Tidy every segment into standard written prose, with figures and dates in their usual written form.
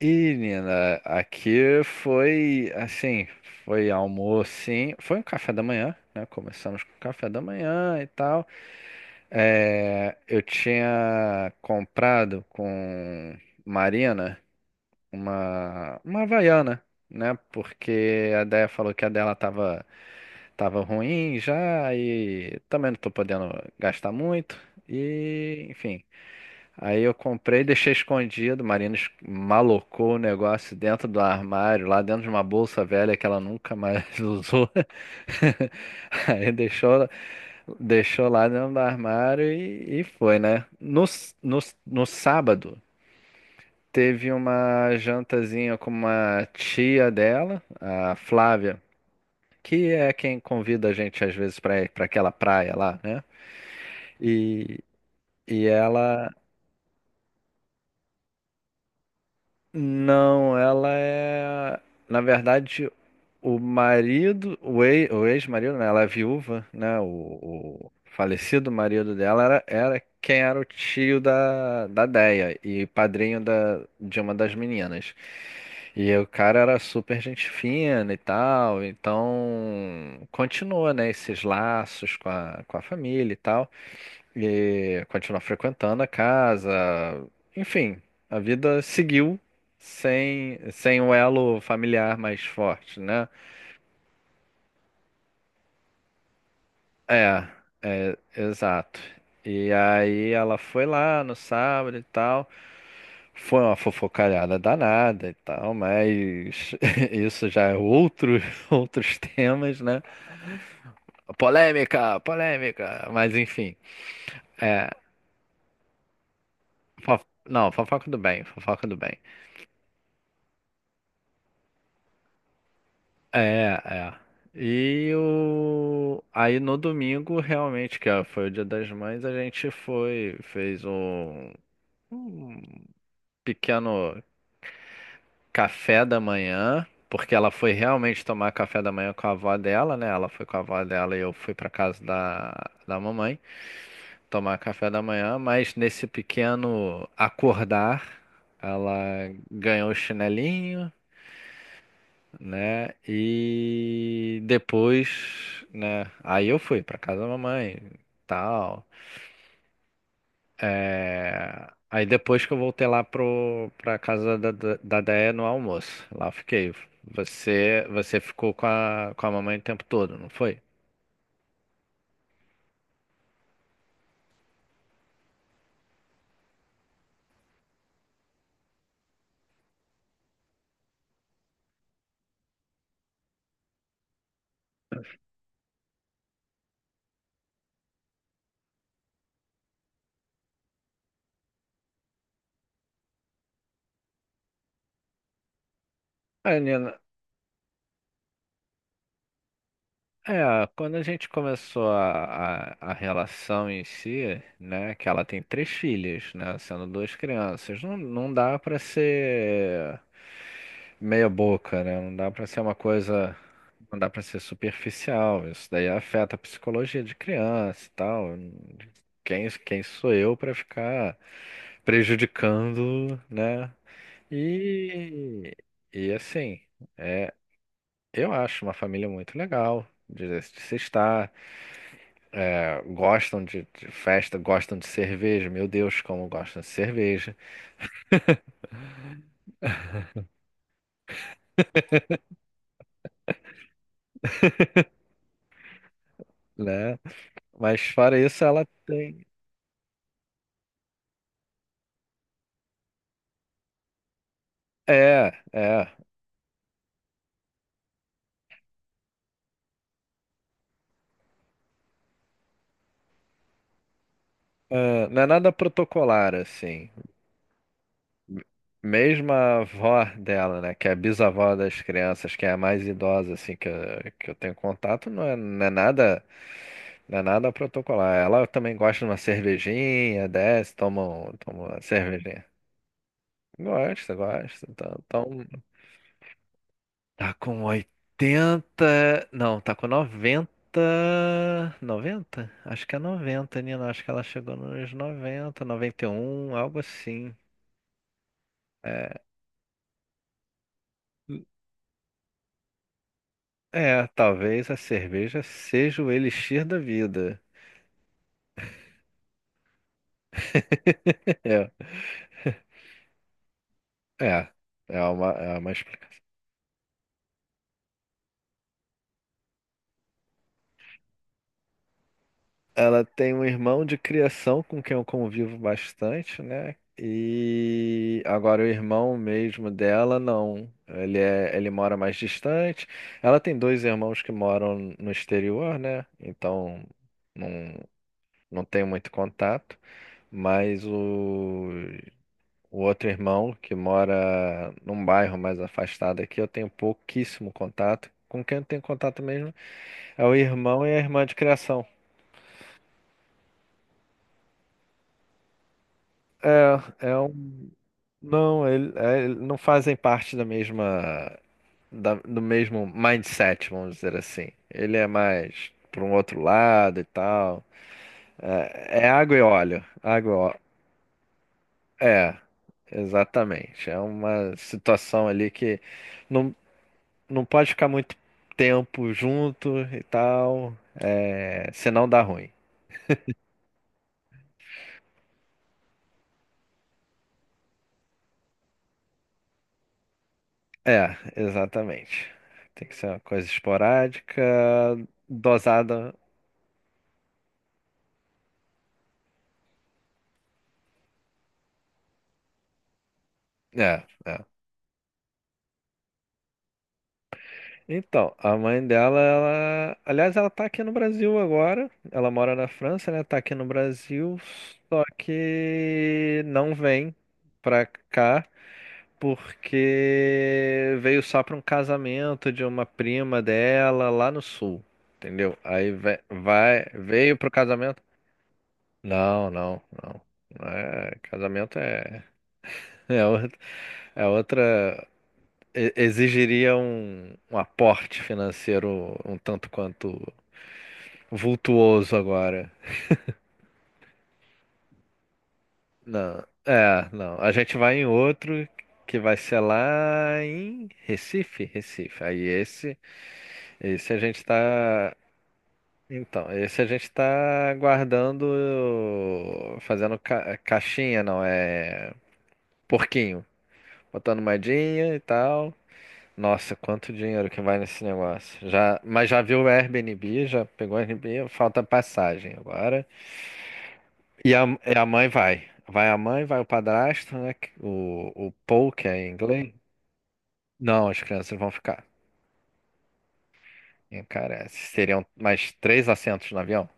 E, Nina, aqui foi assim, foi almoço, sim, foi um café da manhã, né? Começamos com café da manhã e tal. É, eu tinha comprado com Marina uma Havaiana, né? Porque a Déia falou que a dela tava ruim já e também não tô podendo gastar muito. E, enfim. Aí eu comprei, deixei escondido. Marina malocou o negócio dentro do armário, lá dentro de uma bolsa velha que ela nunca mais usou. Aí deixou lá dentro do armário e foi, né? No sábado, teve uma jantazinha com uma tia dela, a Flávia, que é quem convida a gente às vezes para aquela praia lá, né? E, e ela. Não, ela é. Na verdade, o marido, o ex-marido, né? Ela é viúva, né? O falecido marido dela era quem era o tio da Déia e padrinho de uma das meninas. E o cara era super gente fina e tal, então continuou, né? Esses laços com a família e tal. E continuar frequentando a casa. Enfim, a vida seguiu sem um elo familiar mais forte, né? É, é, exato. E aí ela foi lá no sábado e tal. Foi uma fofocalhada danada e tal, mas isso já é outros temas, né? Polêmica, polêmica, mas enfim. É, não, fofoca do bem, fofoca do bem. É, é. Aí no domingo, realmente, foi o Dia das Mães, a gente foi, fez um pequeno café da manhã, porque ela foi realmente tomar café da manhã com a avó dela, né? Ela foi com a avó dela e eu fui para casa da mamãe tomar café da manhã, mas nesse pequeno acordar, ela ganhou o chinelinho. Né? E depois, né? Aí eu fui pra casa da mamãe, tal. É, aí depois que eu voltei lá pro pra casa da Déia no almoço, lá eu fiquei. Você ficou com a mamãe o tempo todo, não foi? É, Nina, é, quando a gente começou a relação em si, né, que ela tem três filhas, né, sendo duas crianças, não dá pra ser meia boca, né? Não dá pra ser uma coisa, não dá pra ser superficial. Isso daí afeta a psicologia de criança e tal. Quem sou eu pra ficar prejudicando, né? E, e assim, é, eu acho uma família muito legal de se estar. É, gostam de festa, gostam de cerveja. Meu Deus, como gostam de cerveja, né? Mas fora isso, ela tem. É, é. Ah, não é nada protocolar, assim. Mesmo a avó dela, né, que é a bisavó das crianças, que é a mais idosa, assim, que eu tenho contato, não é, não é nada, não é nada protocolar. Ela também gosta de uma cervejinha, desce, toma uma cervejinha. Gosta, gosta. Então, tá com 80 não, tá com noventa. Acho que é 90, Nina, acho que ela chegou nos noventa e um algo assim. É. É, talvez a cerveja seja o elixir da vida. É, é, é uma explicação. Ela tem um irmão de criação com quem eu convivo bastante, né? E agora o irmão mesmo dela, não. Ele mora mais distante. Ela tem dois irmãos que moram no exterior, né? Então não, não tem muito contato. Mas O outro irmão, que mora num bairro mais afastado aqui, eu tenho pouquíssimo contato. Com quem eu tenho contato mesmo é o irmão e a irmã de criação. É, é um. Não, ele, é, ele não fazem parte do mesmo mindset, vamos dizer assim. Ele é mais para um outro lado e tal. É, é água e óleo. Água e óleo. É, exatamente. É uma situação ali que não não pode ficar muito tempo junto e tal, é, senão dá ruim. É, exatamente. Tem que ser uma coisa esporádica, dosada. É, é. Então, a mãe dela, aliás, ela tá aqui no Brasil agora. Ela mora na França, né? Tá aqui no Brasil, só que não vem pra cá. Porque veio só para um casamento de uma prima dela lá no sul, entendeu? Aí veio pro casamento. Não, não, não. Não, é, casamento é, é, outra, é outra. Exigiria um aporte financeiro um tanto quanto vultuoso agora. Não, é, não. A gente vai em outro que vai ser lá em Recife, Recife. Aí esse a gente tá. Então, esse a gente tá guardando, fazendo caixinha, não, é porquinho. Botando moedinha e tal. Nossa, quanto dinheiro que vai nesse negócio. Já, mas já viu o Airbnb, já pegou o Airbnb, falta passagem agora. E a mãe vai. Vai a mãe, vai o padrasto, né? O Paul, que é em inglês. Não, as crianças vão ficar. E, cara, seriam mais três assentos no avião.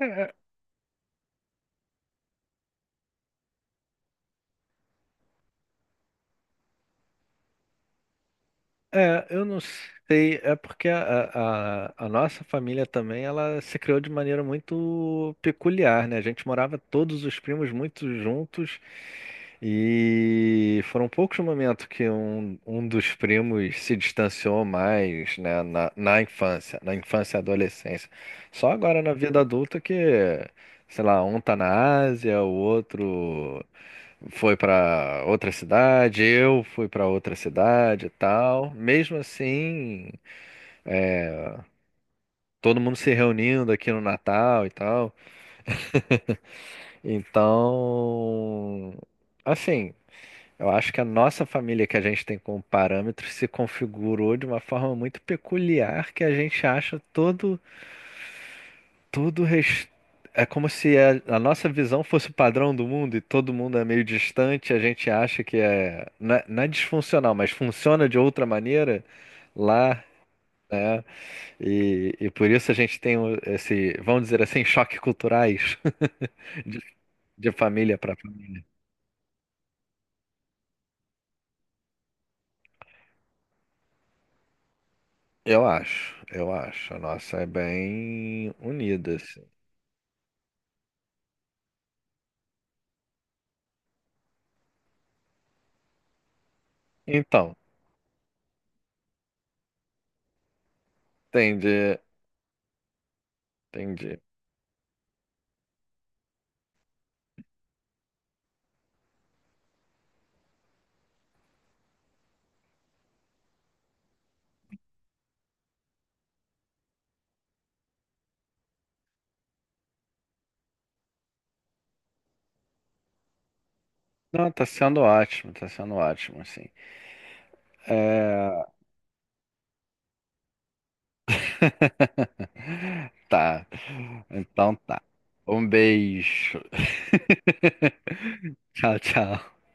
É. É, eu não sei, é porque a nossa família também, ela se criou de maneira muito peculiar, né? A gente morava todos os primos muito juntos e foram poucos momentos que um dos primos se distanciou mais, né, na infância e adolescência. Só agora na vida adulta que, sei lá, um tá na Ásia, o outro foi pra outra cidade, eu fui pra outra cidade e tal. Mesmo assim, é, todo mundo se reunindo aqui no Natal e tal. Então, assim, eu acho que a nossa família que a gente tem como parâmetro se configurou de uma forma muito peculiar que a gente acha Tudo res- é como se a nossa visão fosse o padrão do mundo e todo mundo é meio distante, a gente acha que não é disfuncional, mas funciona de outra maneira lá, né? E por isso a gente tem esse, vamos dizer assim, choque culturais de, de família para família. Eu acho, eu acho. A nossa é bem unida, assim. Então, entendi, entendi. Não, tá sendo ótimo, assim. É. Tá. Então tá. Um beijo. Tchau, tchau.